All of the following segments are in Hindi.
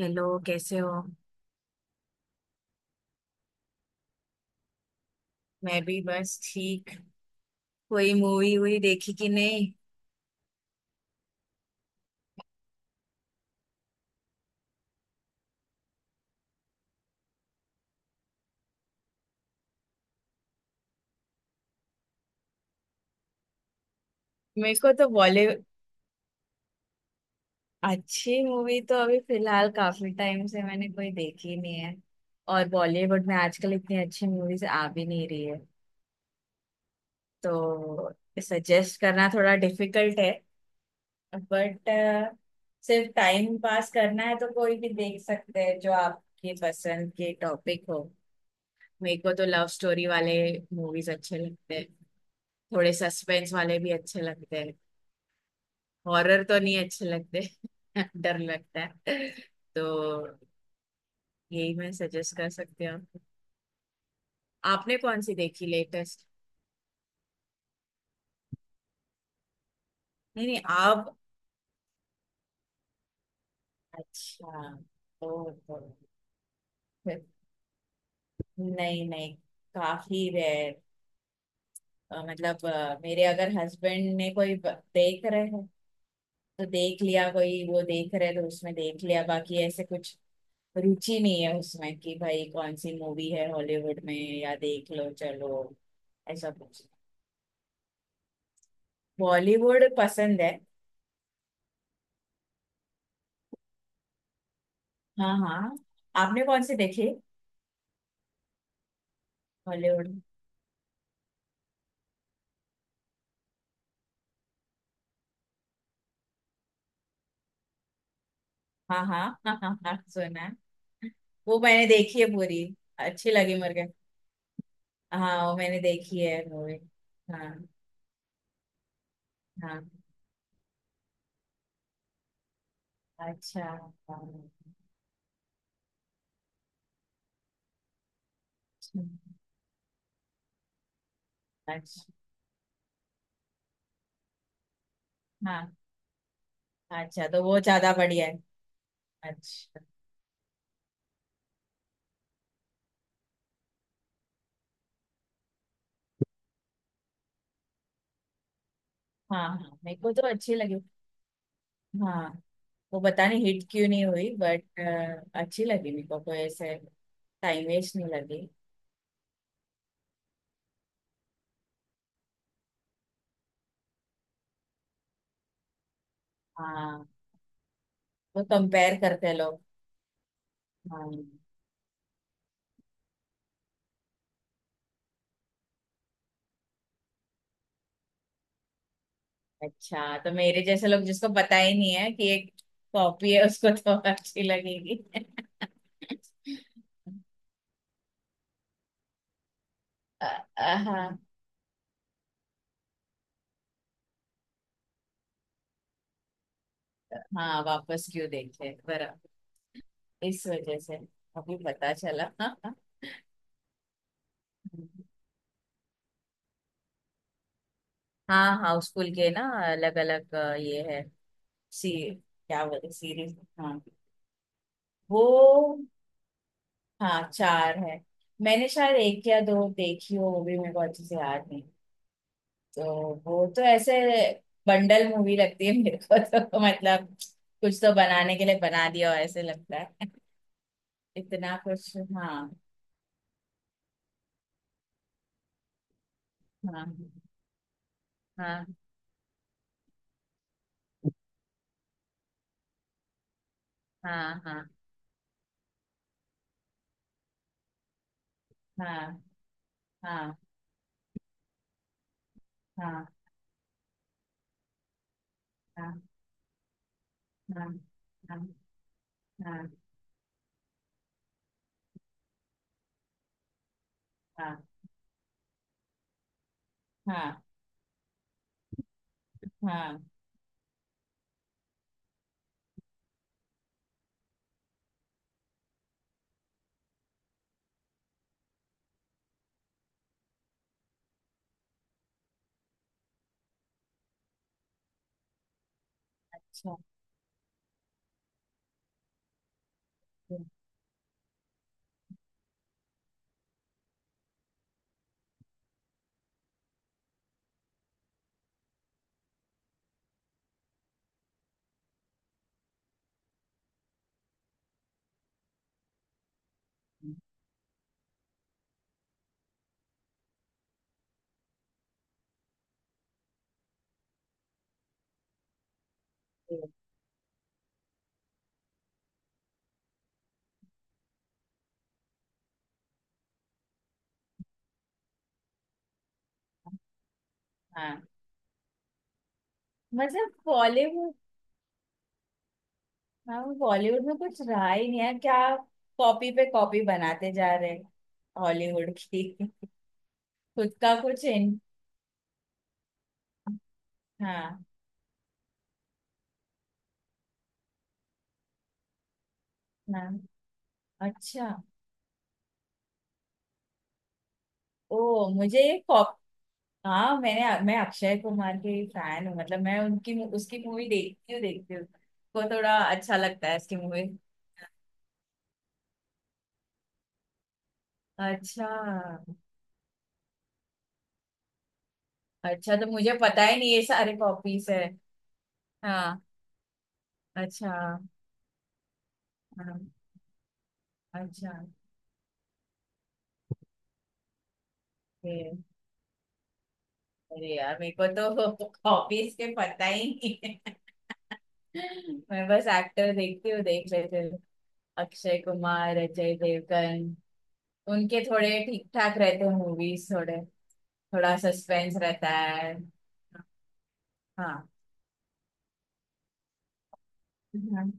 हेलो, कैसे हो। मैं भी बस ठीक। कोई मूवी वूवी देखी कि नहीं? मेरे को तो बॉलीवुड। अच्छी मूवी तो अभी फिलहाल काफी टाइम से मैंने कोई देखी नहीं है। और बॉलीवुड में आजकल इतनी अच्छी मूवीज आ भी नहीं रही है, तो सजेस्ट करना थोड़ा डिफिकल्ट है। बट सिर्फ टाइम पास करना है तो कोई भी देख सकते हैं जो आपके पसंद के टॉपिक हो। मेरे को तो लव स्टोरी वाले मूवीज अच्छे लगते हैं। थोड़े सस्पेंस वाले भी अच्छे लगते हैं। हॉरर तो नहीं अच्छे लगते। डर लगता है। तो यही मैं सजेस्ट कर सकती हूँ। आपने कौन सी देखी लेटेस्ट? नहीं नहीं, आप। अच्छा, तो फिर- नहीं नहीं, काफी रेयर। मतलब मेरे अगर हस्बैंड ने कोई देख रहे हैं तो देख लिया, कोई वो देख रहे हैं तो उसमें देख लिया, बाकी ऐसे कुछ रुचि नहीं है उसमें कि भाई कौन सी मूवी है हॉलीवुड में। या देख लो चलो, ऐसा कुछ। बॉलीवुड पसंद है। हाँ हाँ। आपने कौन सी देखी? बॉलीवुड। हाँ हाँ। हाँ हाँ हाँ, सुना है। वो मैंने देखी है पूरी। अच्छी लगी मुझे। हाँ, वो मैंने देखी है मूवी। हाँ हाँ। अच्छा। अच्छा। अच्छा, हाँ। अच्छा तो वो ज्यादा बढ़िया है। अच्छा। हाँ हाँ, मेरे को तो अच्छी लगी। हाँ। वो पता नहीं हिट क्यों नहीं हुई, बट अच्छी लगी मेरे को। कोई ऐसे टाइम वेस्ट नहीं लगी। हाँ, वो कंपेयर करते हैं लोग। हाँ। अच्छा, तो मेरे जैसे लोग जिसको पता ही नहीं है कि एक कॉपी है उसको तो अच्छी लगेगी। हाँ, हाँ वापस क्यों देखे, बराबर। इस वजह से। अभी पता चला। हाँ, हाउस स्कूल के ना। अलग अलग। ये है। सी क्या बोलते? सीरीज, हाँ। वो। हाँ, चार है। मैंने शायद एक या दो देखी हो, वो भी मेरे को अच्छे से याद नहीं। तो वो तो ऐसे बंडल मूवी लगती है मेरे को तो। मतलब कुछ तो बनाने के लिए बना दिया हो ऐसे लगता है। इतना कुछ। हाँ। हाँ। हाँ। हाँ। हाँ। हाँ। हाँ। हाँ। हाँ। हाँ। हाँ। हाँ। हाँ। हाँ। हाँ। अच्छा, हाँ। मतलब बॉलीवुड। हाँ, बॉलीवुड में कुछ रहा ही नहीं है क्या? कॉपी पे कॉपी बनाते जा रहे हैं हॉलीवुड की। खुद का कुछ इन। हाँ हाँ। अच्छा। ओ, मुझे ये कॉप हाँ, मैं अक्षय कुमार के फैन हूँ, मतलब मैं उनकी उसकी मूवी देखती हूँ को थोड़ा अच्छा लगता है, उसकी मूवी। अच्छा। अच्छा, तो मुझे पता ही नहीं ये सारे कॉपीज है। हाँ। अच्छा। हाँ। अच्छा। ये- अरे यार, मेरे को तो कॉपीज के पता ही नहीं है। मैं बस एक्टर देखती हूँ, देख लेते हूँ। अक्षय कुमार, अजय देवगन। उनके थोड़े ठीक ठाक रहते हैं मूवीज, थोड़े थोड़ा सस्पेंस रहता है। हाँ हाँ।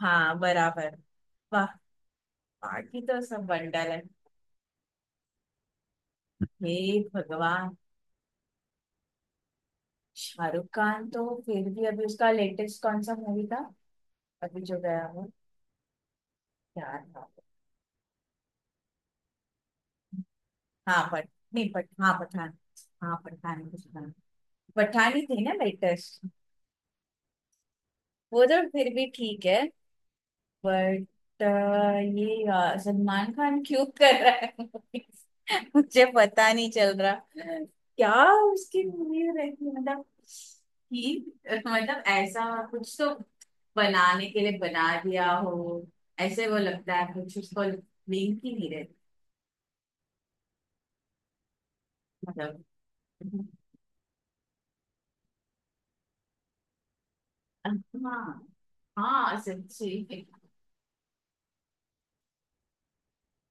हाँ, बराबर। वाह। बाकी तो सब बंडल है। हे भगवान। शाहरुख खान तो फिर भी, अभी उसका लेटेस्ट कौन सा मूवी था? अभी जो गया वो, क्या था? हाँ पठ नहीं, पठ हाँ पठान। हाँ पठान कुछ था। पठान ही थी ना लेटेस्ट? वो तो फिर भी ठीक है। बट ये सलमान खान क्यों कर रहा है, मुझे पता नहीं चल रहा। क्या उसकी मूवी रहती है? मतलब कि मतलब ऐसा कुछ, तो बनाने के लिए बना दिया हो ऐसे वो लगता है, कुछ उसको लिंक ही नहीं रहती। मतलब हाँ, हाँ सच्ची।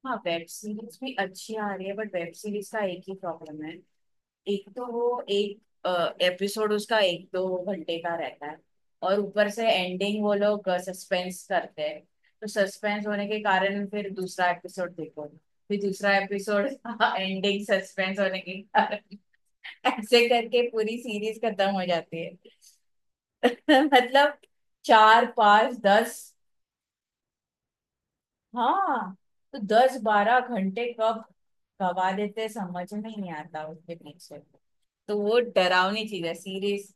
हाँ, वेब सीरीज भी अच्छी आ रही है, बट वेब सीरीज का एक ही प्रॉब्लम है। एक तो वो एक एपिसोड उसका 1-2 घंटे का रहता है। और ऊपर से एंडिंग वो लोग सस्पेंस करते हैं, तो सस्पेंस होने के कारण फिर दूसरा एपिसोड देखो, फिर दूसरा एपिसोड एंडिंग सस्पेंस होने के कारण ऐसे करके पूरी सीरीज खत्म हो जाती है। मतलब चार पांच दस, हाँ, तो 10-12 घंटे कब गवा देते समझ में नहीं आता उसके पीछे। तो वो डरावनी चीज है, सीरीज।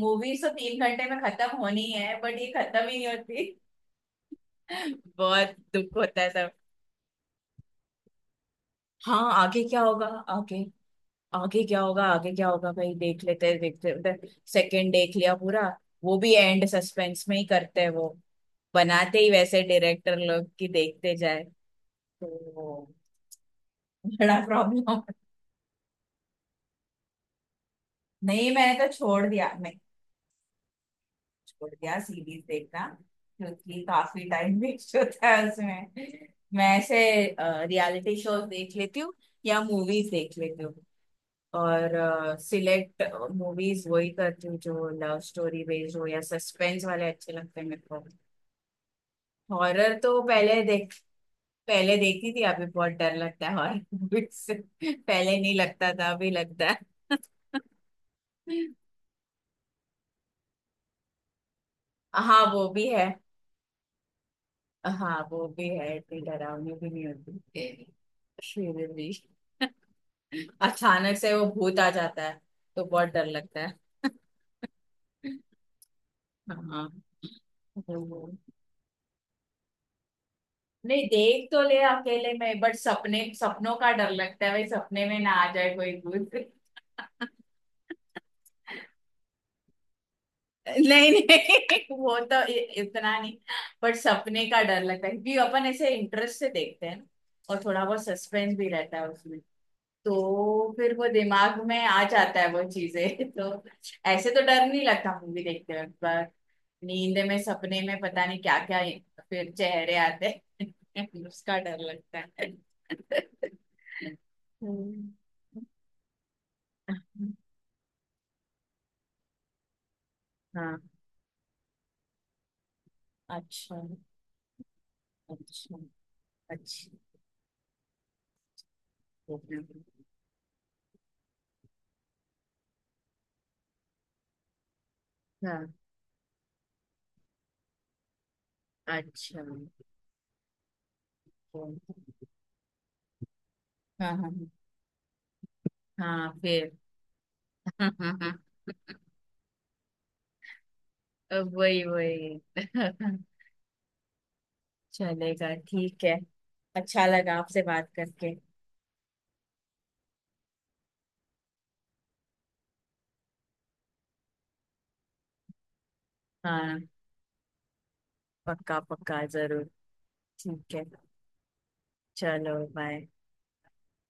मूवीज तो 3 घंटे में खत्म होनी है, बट ये खत्म ही नहीं होती। बहुत दुख होता है सब। हाँ, आगे क्या होगा, आगे आगे क्या होगा, आगे क्या होगा, भाई देख लेते हैं देखते हैं। सेकंड देख लिया पूरा, वो भी एंड सस्पेंस में ही करते हैं वो, बनाते ही वैसे डायरेक्टर लोग कि देखते जाए। तो वो बड़ा प्रॉब्लम। नहीं, मैंने तो छोड़ दिया, मैं छोड़ दिया सीरीज देखना, क्योंकि काफी टाइम वेस्ट होता है उसमें। मैं ऐसे रियलिटी शोज देख लेती हूँ या मूवीज देख लेती हूँ, और सिलेक्ट मूवीज वही करती हूँ जो लव स्टोरी बेस्ड हो या सस्पेंस वाले अच्छे लगते हैं मेरे को। हॉरर तो पहले देख, पहले देखती थी, अभी बहुत डर लगता है हॉरर मूवीज से। पहले नहीं लगता था, अभी लगता है। हाँ वो भी है। हाँ वो भी है, इतनी डरावनी भी नहीं होती, फिर भी अचानक से वो भूत आ जाता है तो बहुत डर लगता है। हाँ। वो- नहीं, देख तो ले अकेले में, बट सपने सपनों का डर लगता है भाई, सपने में ना आ जाए कोई भूत। नहीं नहीं, वो तो इतना नहीं। बट सपने का डर लगता है क्योंकि अपन ऐसे इंटरेस्ट से देखते हैं ना, और थोड़ा बहुत सस्पेंस भी रहता है उसमें, तो फिर वो दिमाग में आ जाता है, वो चीजें तो ऐसे तो डर नहीं लगता मूवी देखते वक्त पर। नींद में सपने में पता नहीं क्या क्या फिर चेहरे आते हैं, उसका डर लगता है। हम्म। हाँ। अच्छा। अच्छा। अच्छा। हाँ। अच्छा। हाँ हाँ। हाँ, फिर वही वही। चलेगा, ठीक है। अच्छा लगा आपसे बात करके। हाँ, पक्का पक्का जरूर। ठीक है। चलो, बाय।